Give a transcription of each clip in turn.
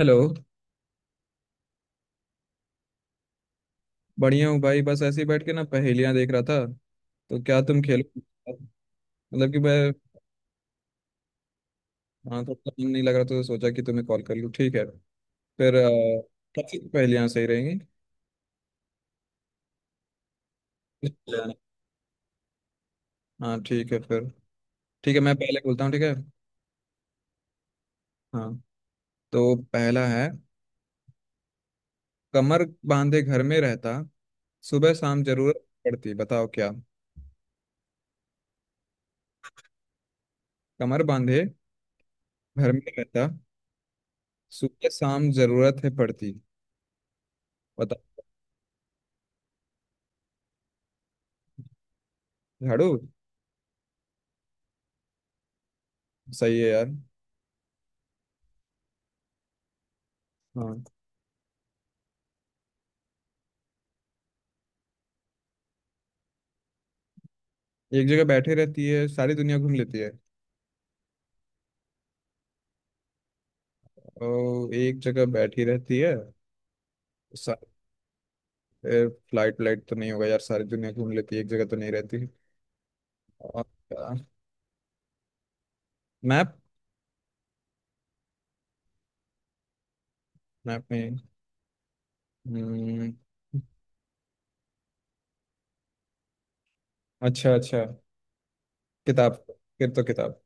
Hello. बढ़िया हूँ भाई, बस ऐसे ही बैठ के ना पहेलियाँ देख रहा था, तो क्या तुम खेलो? मतलब कि मैं, हाँ, थोड़ा सा मन नहीं लग रहा, तो सोचा कि तुम्हें कॉल कर लूँ। ठीक है फिर कैसी पहेलियाँ सही रहेंगी? हाँ ठीक है फिर। ठीक है, मैं पहले बोलता हूँ, ठीक है? हाँ, तो पहला है, कमर बांधे घर में रहता, सुबह शाम जरूरत पड़ती, बताओ क्या? कमर बांधे घर में रहता, सुबह शाम जरूरत है पड़ती, बताओ। झाड़ू? सही है यार। हाँ, एक जगह बैठी रहती है सारी दुनिया घूम लेती है, और एक जगह बैठी रहती है। सा- ए, फ्लाइट व्लाइट तो नहीं होगा यार, सारी दुनिया घूम लेती है, एक जगह तो नहीं रहती। और मैप? मैप नहीं। हम्म, अच्छा अच्छा, किताब। फिर तो किताब।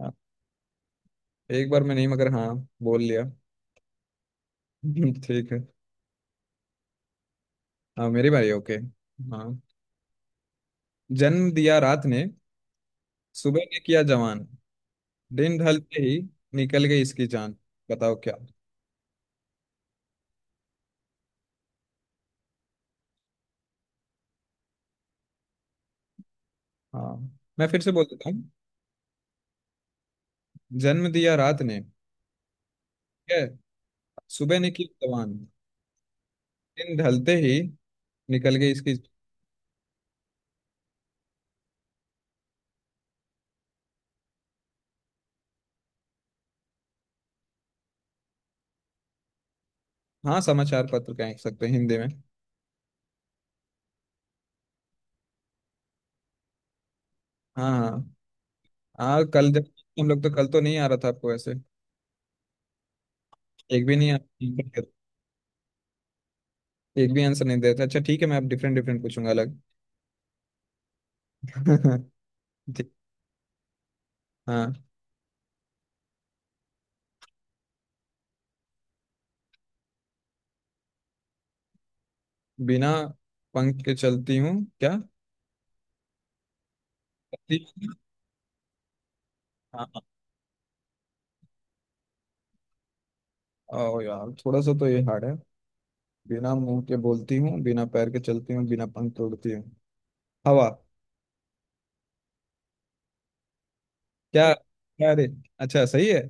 हाँ, एक बार मैं नहीं, मगर हाँ, बोल लिया। ठीक है। हाँ मेरी बारी, ओके। हाँ, जन्म दिया रात ने, सुबह ने किया जवान, दिन ढलते ही निकल गई इसकी जान। बताओ क्या? हाँ मैं फिर से बोल देता हूँ। जन्म दिया रात ने, ठीक है, सुबह निकली जवान, दिन ढलते ही निकल गई इसकी। हाँ, समाचार पत्र कह सकते हैं हिंदी में। हाँ हाँ। हाँ कल जब हम लोग, तो कल तो नहीं आ रहा था आपको ऐसे एक भी नहीं आ, एक भी आंसर नहीं देता। अच्छा ठीक है, मैं अब डिफरेंट डिफरेंट पूछूंगा अलग। ठीक। हाँ, बिना पंख के चलती हूँ क्या? चलती- हाँ हाँ। ओ यार थोड़ा सा तो ये हार्ड है। बिना मुंह के बोलती हूँ, बिना पैर के चलती हूँ, बिना पंख के उड़ती हूँ, हवा? क्या क्या अरे, अच्छा सही है।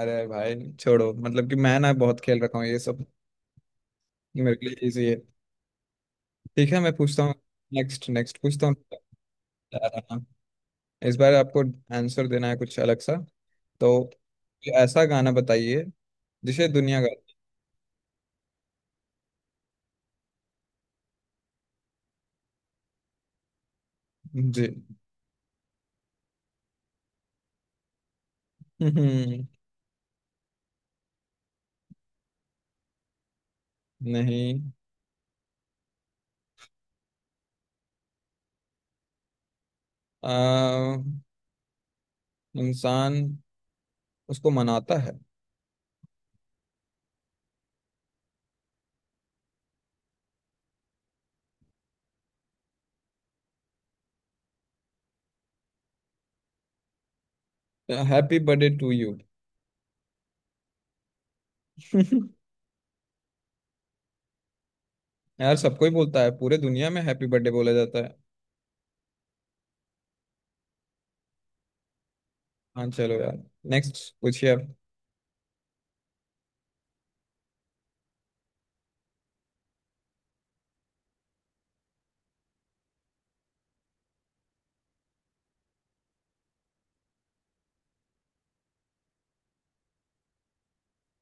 अरे भाई छोड़ो, मतलब कि मैं ना बहुत खेल रखा हूँ ये सब, मेरे के लिए इजी है। ठीक है मैं पूछता हूँ। नेक्स्ट नेक्स्ट पूछता हूँ। हाँ, इस बार आपको आंसर देना है कुछ अलग सा। तो कोई ऐसा गाना बताइए जिसे दुनिया गा, जी। नहीं, आ, इंसान उसको मनाता है। Happy birthday to you. यार सबको ही बोलता है, पूरे दुनिया में हैप्पी बर्थडे बोला जाता है। हाँ चलो यार, नेक्स्ट पूछिए आप।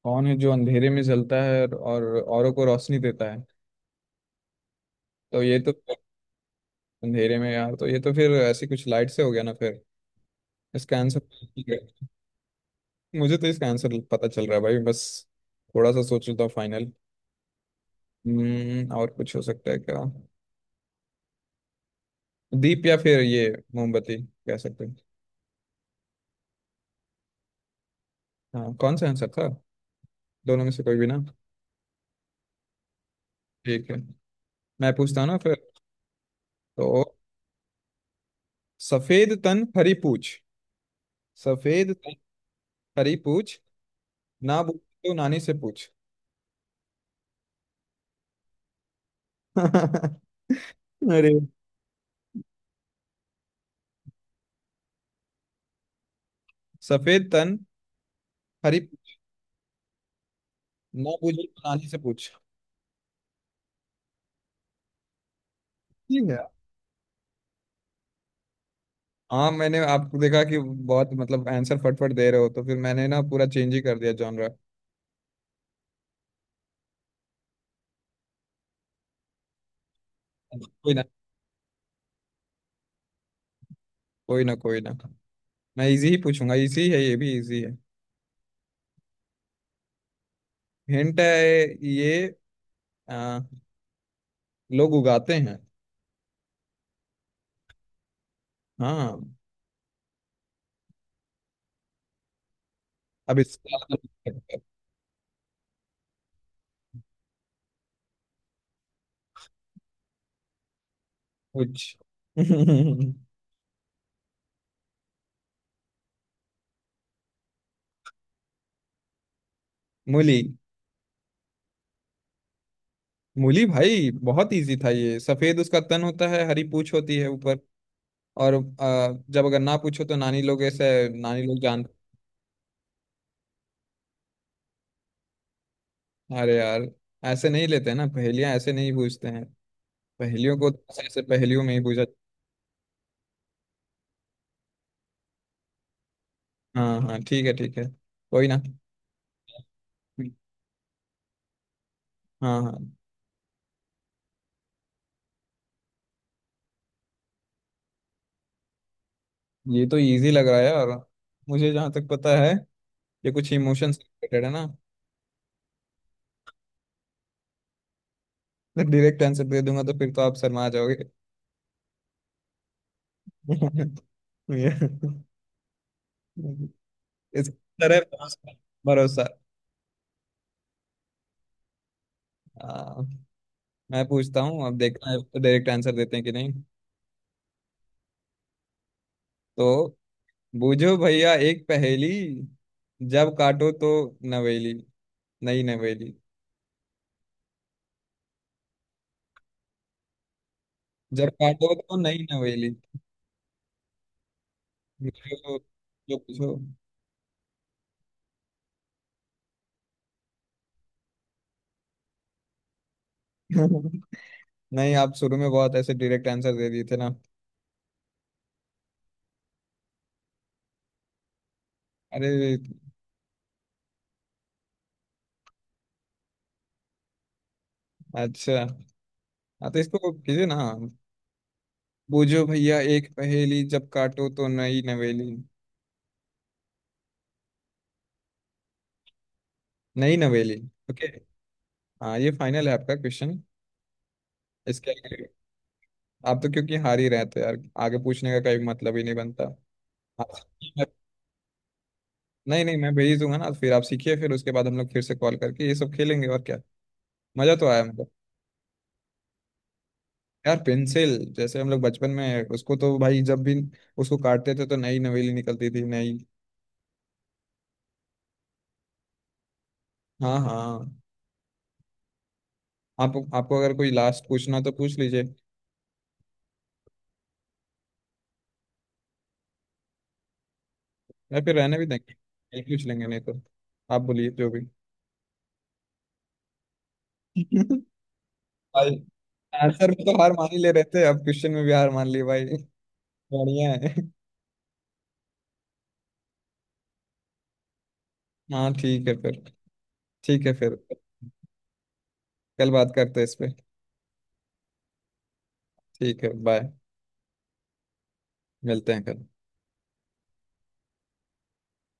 कौन है जो अंधेरे में जलता है और औरों को रोशनी देता है? तो ये तो अंधेरे में यार, तो ये तो फिर ऐसी कुछ लाइट से हो गया ना फिर। इसका आंसर ठीक है, मुझे तो इसका आंसर पता चल रहा है भाई, बस थोड़ा सा सोच लेता हूँ फाइनल। हम्म, और कुछ हो सकता है क्या? दीप, या फिर ये मोमबत्ती कह सकते हैं। हाँ, कौन सा आंसर था, दोनों में से कोई भी ना? ठीक है, मैं पूछता हूँ ना फिर। तो सफेद तन हरी पूछ, सफेद तन हरी पूछ, ना बोल तो नानी से पूछ। अरे, सफेद तन हरी, ना बूझी रानी से पूछ। ठीक है। हाँ मैंने आपको देखा कि बहुत मतलब आंसर फटफट दे रहे हो, तो फिर मैंने ना पूरा चेंज ही कर दिया जॉनरा। कोई ना, कोई ना, कोई ना। मैं इजी ही पूछूंगा, इजी है, ये भी इजी है। हिंट है ये, आ, लोग उगाते हैं। हाँ, अब इसका मतलब कुछ। मूली। मूली भाई, बहुत इजी था ये। सफेद उसका तन होता है, हरी पूछ होती है ऊपर, और जब अगर ना पूछो तो नानी लोग ऐसे नानी लोग जान। अरे यार, ऐसे नहीं लेते ना पहेलियां, ऐसे नहीं पूछते हैं, पहेलियों को तो ऐसे पहेलियों में ही पूछा। हाँ हाँ ठीक है ठीक है, कोई ना। हाँ हाँ, ये तो इजी लग रहा है। और मुझे जहाँ तक पता है ये कुछ इमोशन से रिलेटेड है ना। तो डायरेक्ट आंसर दे दूंगा तो फिर तो आप शर्मा जाओगे। ये- इस तरह, भरोसा, भरोसा। हाँ, मैं पूछता हूँ अब, देखना है डायरेक्ट आंसर देते हैं कि नहीं। तो, बूझो भैया एक पहेली, जब काटो तो नवेली, नई नवेली, जब काटो तो नई नवेली। जो जो पूछो। नहीं, आप शुरू में बहुत ऐसे डायरेक्ट आंसर दे दिए थे ना। अरे अच्छा। हाँ तो इसको कीजिए ना, बूझो भैया एक पहेली, जब काटो तो नई नवेली, नई नवेली। ओके। हाँ ये फाइनल है आपका क्वेश्चन, इसके आगे आप तो क्योंकि हार ही रहते यार, आगे पूछने का कोई मतलब ही नहीं बनता। नहीं नहीं, मैं भेज दूंगा ना फिर, आप सीखिए, फिर उसके बाद हम लोग फिर से कॉल करके ये सब खेलेंगे, और क्या। मजा तो आया मतलब। यार पेंसिल, जैसे हम लोग बचपन में उसको तो भाई जब भी उसको काटते थे तो नई नवेली निकलती थी, नई। हाँ हाँ। आप, आपको अगर कोई लास्ट पूछना तो पूछ लीजिए, या फिर रहने भी देंगे, नहीं पूछ लेंगे, नहीं तो आप बोलिए जो भी। भाई, आंसर में तो हार मान ही ले रहे थे, अब क्वेश्चन में भी हार मान ली भाई, बढ़िया है। हाँ ठीक है फिर, ठीक है फिर, कल बात करते हैं इस पे। ठीक है बाय, मिलते हैं कल।